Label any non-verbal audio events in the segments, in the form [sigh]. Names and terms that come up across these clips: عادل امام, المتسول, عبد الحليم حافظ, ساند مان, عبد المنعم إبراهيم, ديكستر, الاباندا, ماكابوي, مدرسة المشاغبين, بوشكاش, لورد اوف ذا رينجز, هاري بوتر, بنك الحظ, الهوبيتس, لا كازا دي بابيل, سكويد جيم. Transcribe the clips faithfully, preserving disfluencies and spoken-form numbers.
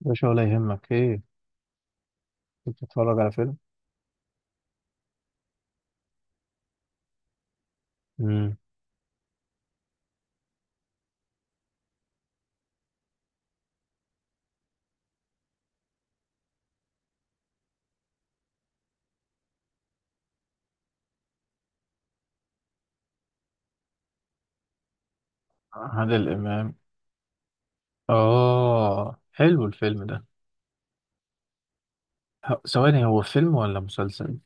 مش ولا يهمك ايه. كنت بتتفرج على فيلم؟ امم عادل امام. اه حلو الفيلم ده. ه- ثواني، هو فيلم ولا مسلسل؟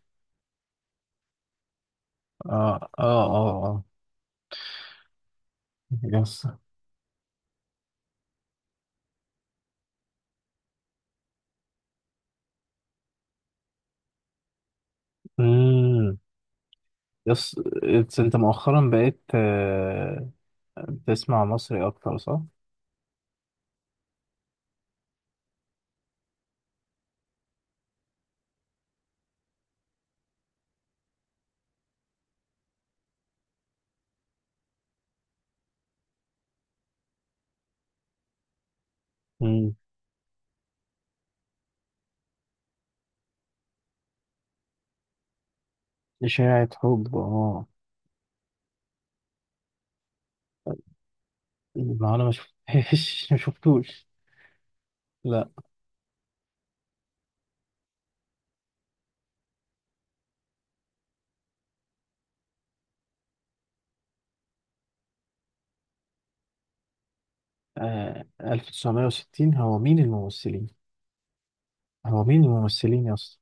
اه اه اه اه. يس. امم يس. إتس- انت مؤخرا بقيت آه، بتسمع مصري اكتر، صح؟ امم اشاعة حب، اه. ما انا ما شفتهاش [laughs] ما شفتوش. لا. آه، ألف وتسعمية وستين؟ هو مين الممثلين؟ هو مين الممثلين يا اسطى؟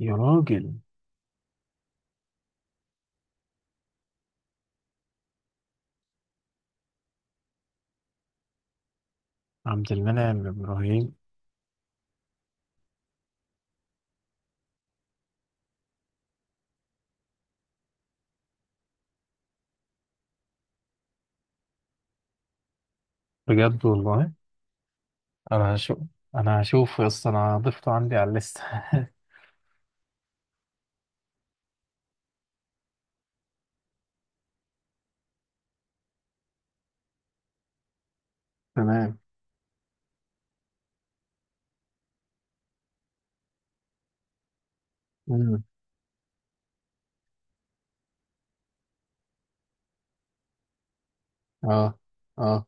يا راجل، عبد المنعم إبراهيم. بجد والله؟ أنا هشوف، أنا هشوف يا اسطى، أنا ضفته عندي على الليستة. [laughs] تمام. مم. اه اه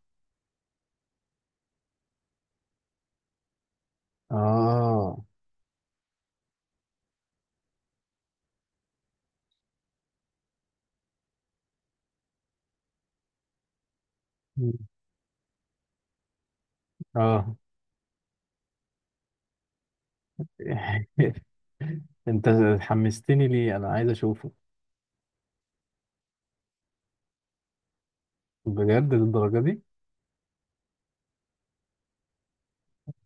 اه. مم. اه. [laughs] أنت حمستني، ليه أنا عايز أشوفه؟ بجد للدرجة دي؟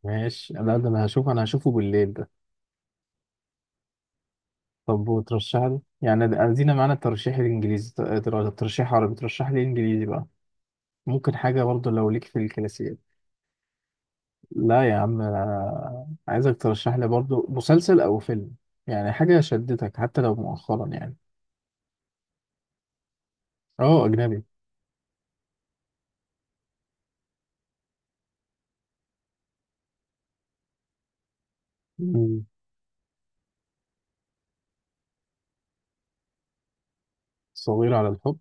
ماشي، لا ده أنا هشوفه، أنا هشوفه بالليل ده. طب وترشح لي يعني، أدينا معانا الترشيح الإنجليزي. ترشيح عربي، ترشح لي إنجليزي بقى. ممكن حاجة برضه لو ليك في الكلاسيك. لا يا عم، أنا عايزك ترشح لي برضو مسلسل أو فيلم. يعني حاجة شدتك حتى لو مؤخرا يعني. اه أجنبي. مم. صغير على الحب؟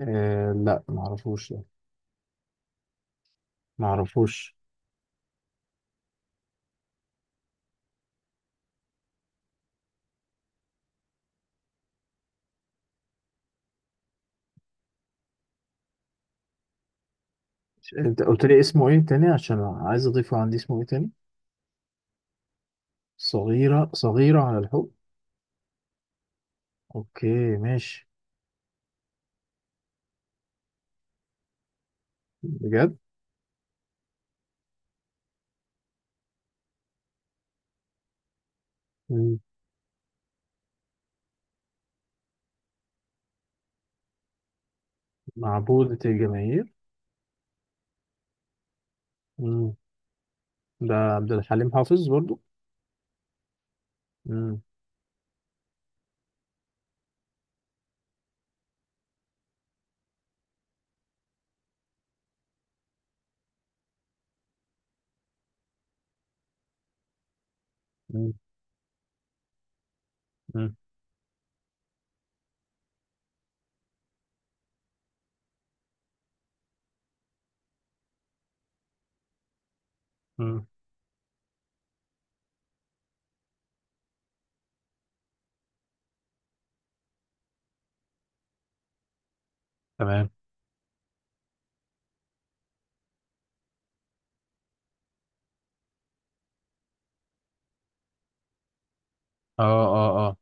آه لا، معرفوش ده. معرفوش. أنت قلت لي اسمه إيه تاني عشان عايز أضيفه عندي، اسمه إيه تاني؟ صغيرة، صغيرة على الحب. أوكي ماشي. بجد؟ مم. معبودة الجماهير. مم. ده عبد الحليم حافظ برضو؟ مم. مم. مم. مم. تمام. اه اه اه.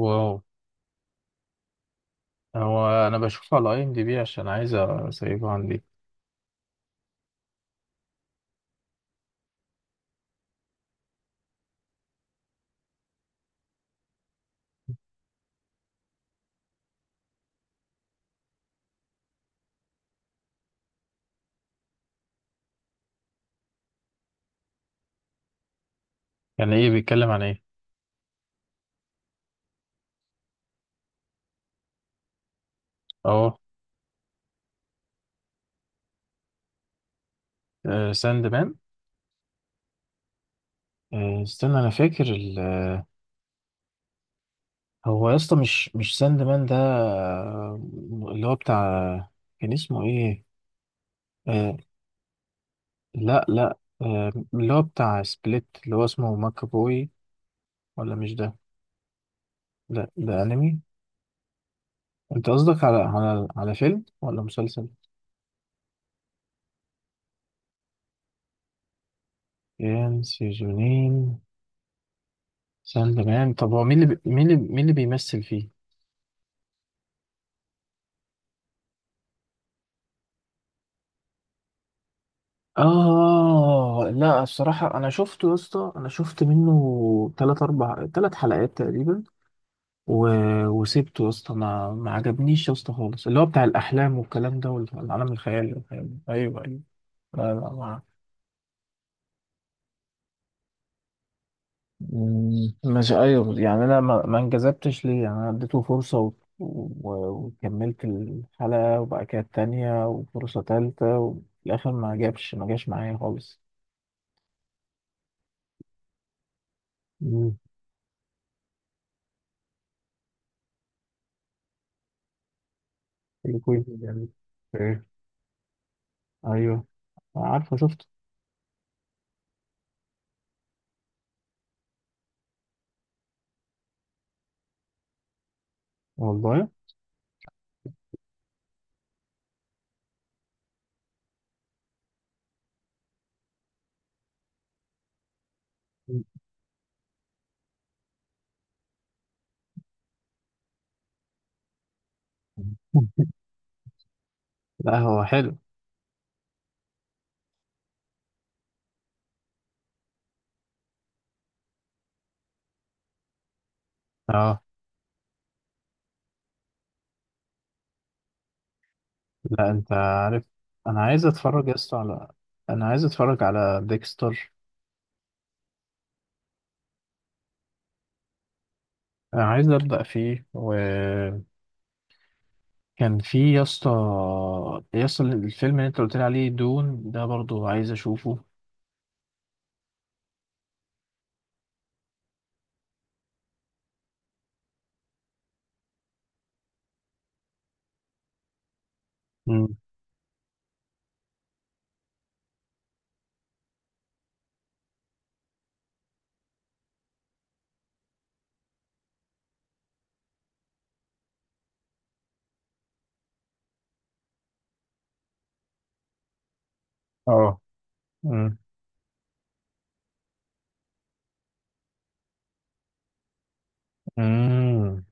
واو. هو انا بشوفه على اي ام دي بي عشان عايز اسيبه عندي. يعني ايه؟ بيتكلم عن ايه؟ اه. ساند مان؟ استنى انا فاكر ال... آه، هو يا اسطى مش مش ساند مان ده، آه، اللي هو بتاع، كان اسمه ايه؟ آه. لا لا آه، اللي هو بتاع سبليت اللي هو اسمه ماكابوي، ولا مش ده؟ لا ده انمي. انت قصدك على على على فيلم ولا مسلسل؟ كان سيزونين؟ ساند مان، طب هو مين اللي بي... مين اللي مين اللي بيمثل فيه؟ اه. لا الصراحة انا شفته يا اسطى، انا شفت منه تلات اربع، تلات حلقات تقريبا. و... وسبته يا اسطى، ما ما عجبنيش يا اسطى خالص، اللي هو بتاع الاحلام والكلام ده والعالم الخيالي والكلام ده. ايوه ايوه. لا لا ما مم، مش ايوه يعني انا ما, ما انجذبتش ليه، يعني انا اديته فرصة و... و... وكملت الحلقة وبعد كده التانية وفرصة تالتة وفي الاخر ما جابش ما جاش معايا خالص. مم. اللي كويس يعني. ايه؟ ايوه، عارفه شفته. والله؟ لا هو حلو. اه. لا انت عارف، انا عايز اتفرج يا اسطى على، انا عايز اتفرج على ديكستر. انا عايز ابدا فيه، وكان في يا اسطى، يا اسطى الفيلم اللي انت قلت لي عليه دون ده برضو عايز اشوفه. مم. اه. مم. مم.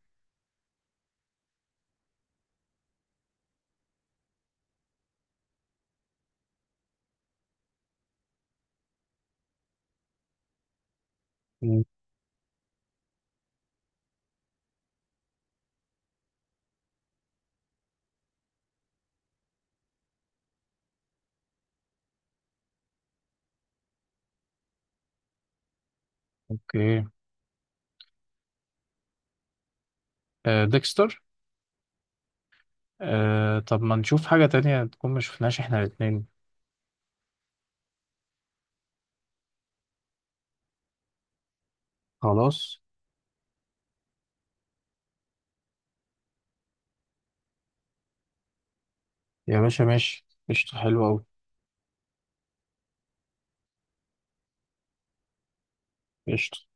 اوكي. آه، ديكستر. آه، طب ما نشوف حاجة تانية تكون ما شفناش احنا الاتنين. خلاص. يا باشا ماشي قشطة، حلوة أوي. قشطة.